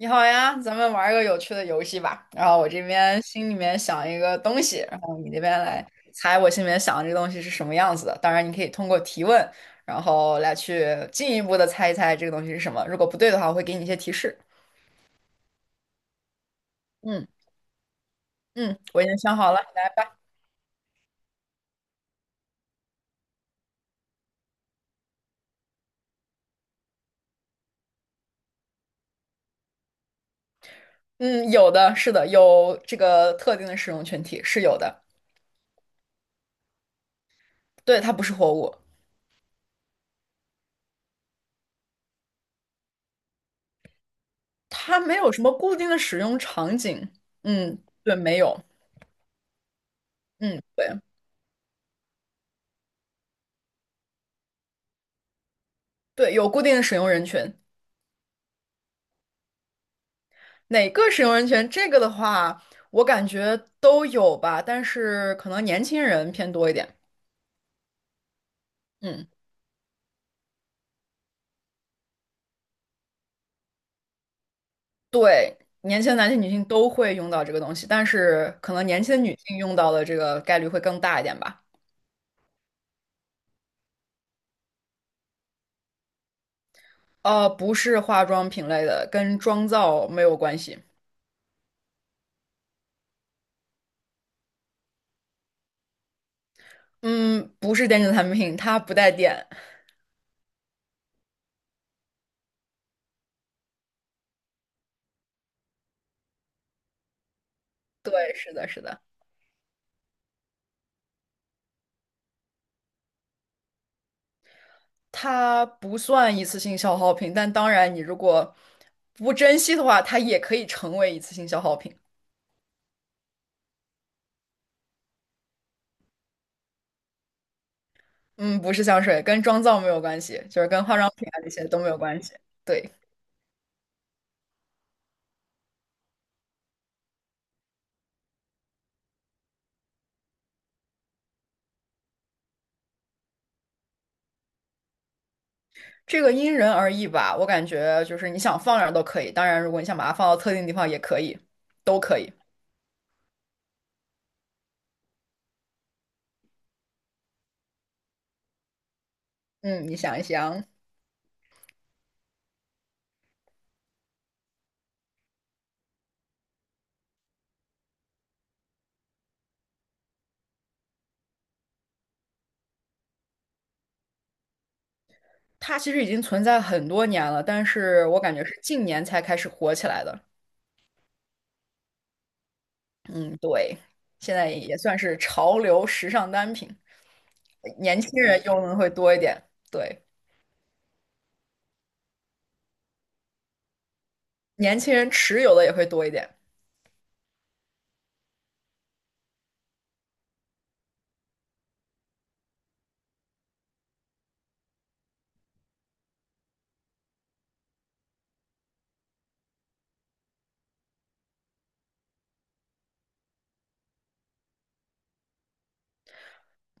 你好呀，咱们玩儿个有趣的游戏吧。然后我这边心里面想一个东西，然后你那边来猜我心里面想的这个东西是什么样子的。当然，你可以通过提问，然后来去进一步的猜一猜这个东西是什么。如果不对的话，我会给你一些提示。嗯嗯，我已经想好了。嗯，有的，是的，有这个特定的使用群体是有的。对，它不是活物，它没有什么固定的使用场景。嗯，对，没有。嗯，对对，有固定的使用人群。哪个使用人群？这个的话，我感觉都有吧，但是可能年轻人偏多一点。嗯，对，年轻的男性、女性都会用到这个东西，但是可能年轻的女性用到的这个概率会更大一点吧。不是化妆品类的，跟妆造没有关系。嗯，不是电子产品，它不带电。对，是的，是的，它不算一次性消耗品，但当然，你如果不珍惜的话，它也可以成为一次性消耗品。嗯，不是香水，跟妆造没有关系，就是跟化妆品啊这些都没有关系。对，这个因人而异吧，我感觉就是你想放哪儿都可以，当然如果你想把它放到特定地方也可以，都可以。嗯，你想一想，它其实已经存在很多年了，但是我感觉是近年才开始火起来的。嗯，对，现在也算是潮流时尚单品，年轻人用的会多一点，对，年轻人持有的也会多一点。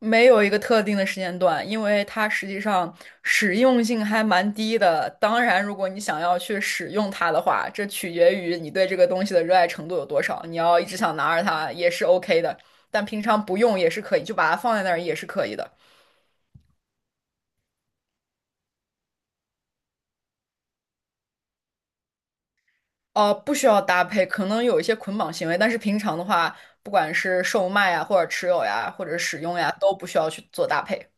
没有一个特定的时间段，因为它实际上实用性还蛮低的。当然，如果你想要去使用它的话，这取决于你对这个东西的热爱程度有多少。你要一直想拿着它也是 OK 的，但平常不用也是可以，就把它放在那儿也是可以的。哦，不需要搭配，可能有一些捆绑行为，但是平常的话，不管是售卖呀，或者持有呀，或者使用呀，都不需要去做搭配。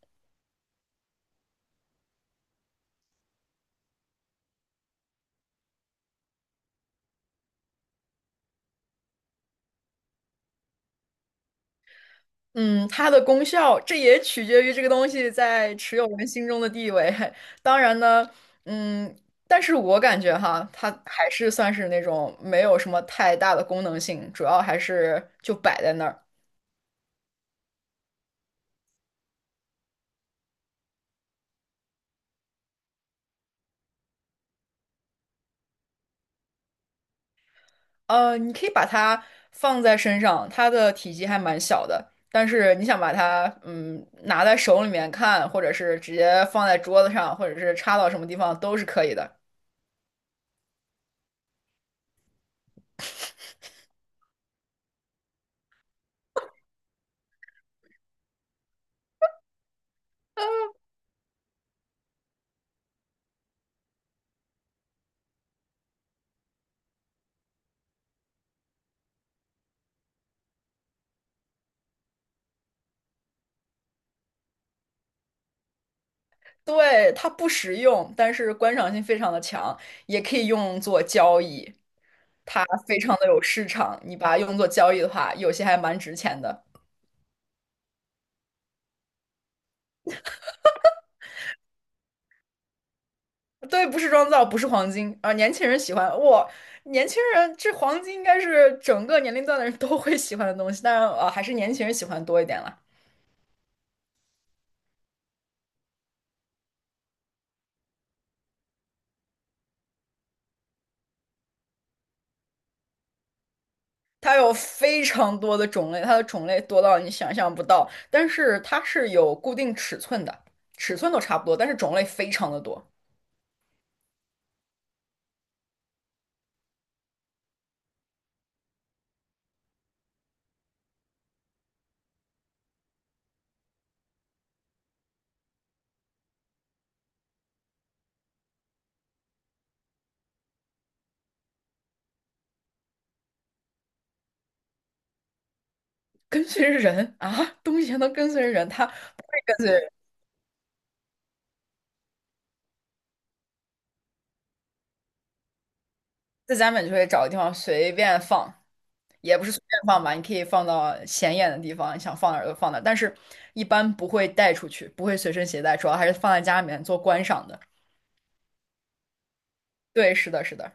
嗯，它的功效，这也取决于这个东西在持有人心中的地位。当然呢，嗯，但是我感觉哈，它还是算是那种没有什么太大的功能性，主要还是就摆在那儿。你可以把它放在身上，它的体积还蛮小的，但是你想把它拿在手里面看，或者是直接放在桌子上，或者是插到什么地方都是可以的。对，它不实用，但是观赏性非常的强，也可以用作交易，它非常的有市场。你把它用作交易的话，有些还蛮值钱的。对，不是妆造，不是黄金啊，年轻人喜欢哇，年轻人这黄金应该是整个年龄段的人都会喜欢的东西，但是啊，还是年轻人喜欢多一点了。它有非常多的种类，它的种类多到你想象不到，但是它是有固定尺寸的，尺寸都差不多，但是种类非常的多。跟随着人啊，东西还能跟随着人，它不会跟随人在家里面就会找个地方随便放，也不是随便放吧，你可以放到显眼的地方，你想放哪儿就放哪儿，但是一般不会带出去，不会随身携带，主要还是放在家里面做观赏的。对，是的，是的。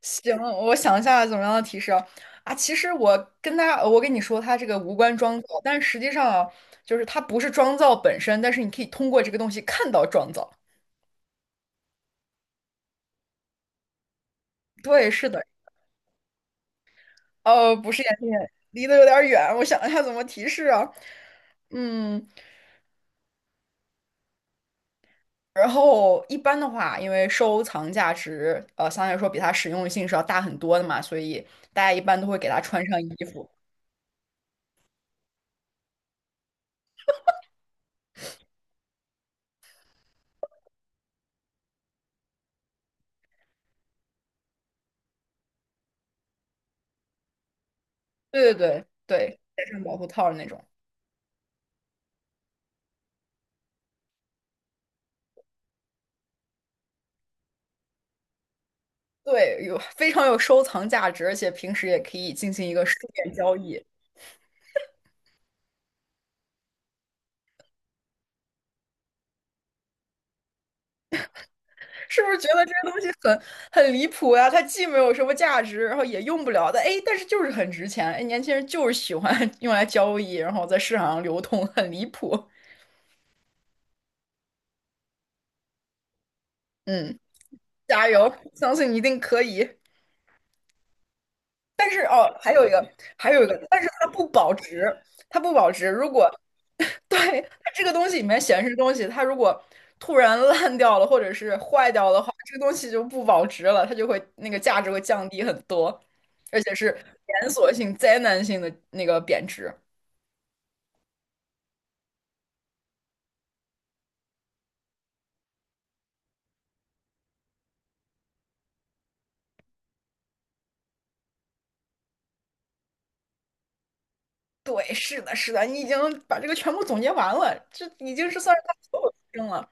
行，我想一下怎么样的提示啊？啊，其实我跟他，我跟你说，它这个无关妆造，但实际上啊，就是它不是妆造本身，但是你可以通过这个东西看到妆造。对，是的。不是眼镜眼，离得有点儿远，我想一下怎么提示啊。嗯，然后一般的话，因为收藏价值，相对来说比它实用性是要大很多的嘛，所以大家一般都会给它穿上衣服。对对对对，戴上保护套的那种。对，有非常有收藏价值，而且平时也可以进行一个书面交易。是不是觉得这些东西很离谱呀、它既没有什么价值，然后也用不了的，哎，但是就是很值钱，哎，年轻人就是喜欢 用来交易，然后在市场上流通，很离谱。嗯，加油，相信你一定可以。但是哦，还有一个，还有一个，但是它不保值，它不保值。如果 对它这个东西里面显示东西，它如果突然烂掉了或者是坏掉的话，这个东西就不保值了，它就会那个价值会降低很多，而且是连锁性、灾难性的那个贬值。对，是的，是的，你已经把这个全部总结完了，这已经是算是它所有特征了。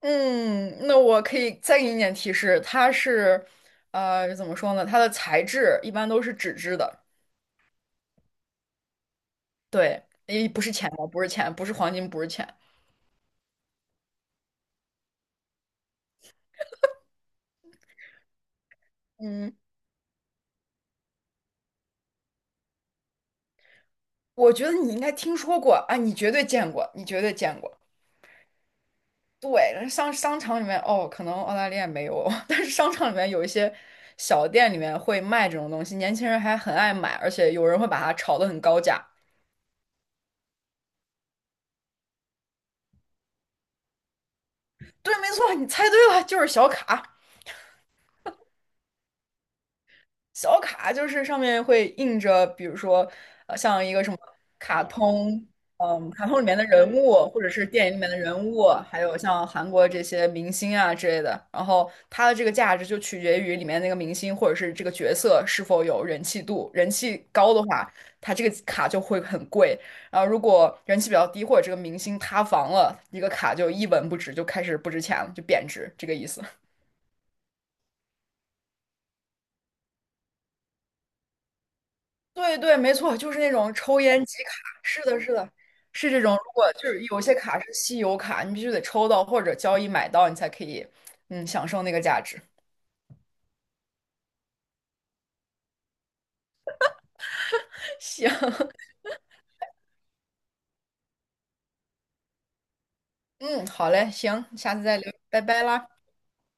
嗯，那我可以再给你一点提示，它是，怎么说呢？它的材质一般都是纸质的，对，也不是钱包，不是钱，不是黄金，不是钱。嗯，我觉得你应该听说过啊，你绝对见过，你绝对见过。对，商场里面哦，可能澳大利亚没有，但是商场里面有一些小店里面会卖这种东西，年轻人还很爱买，而且有人会把它炒得很高价。对，没错，你猜对了，就是小卡。小卡就是上面会印着，比如说，像一个什么卡通，嗯，卡通里面的人物，或者是电影里面的人物，还有像韩国这些明星啊之类的。然后它的这个价值就取决于里面那个明星或者是这个角色是否有人气度，人气高的话，它这个卡就会很贵。然后如果人气比较低，或者这个明星塌房了，一个卡就一文不值，就开始不值钱了，就贬值，这个意思。对对，没错，就是那种抽烟集卡，是的，是的，是这种。如果就是有些卡是稀有卡，你必须得抽到或者交易买到，你才可以，嗯，享受那个价值。行，嗯，好嘞，行，下次再聊，拜拜啦。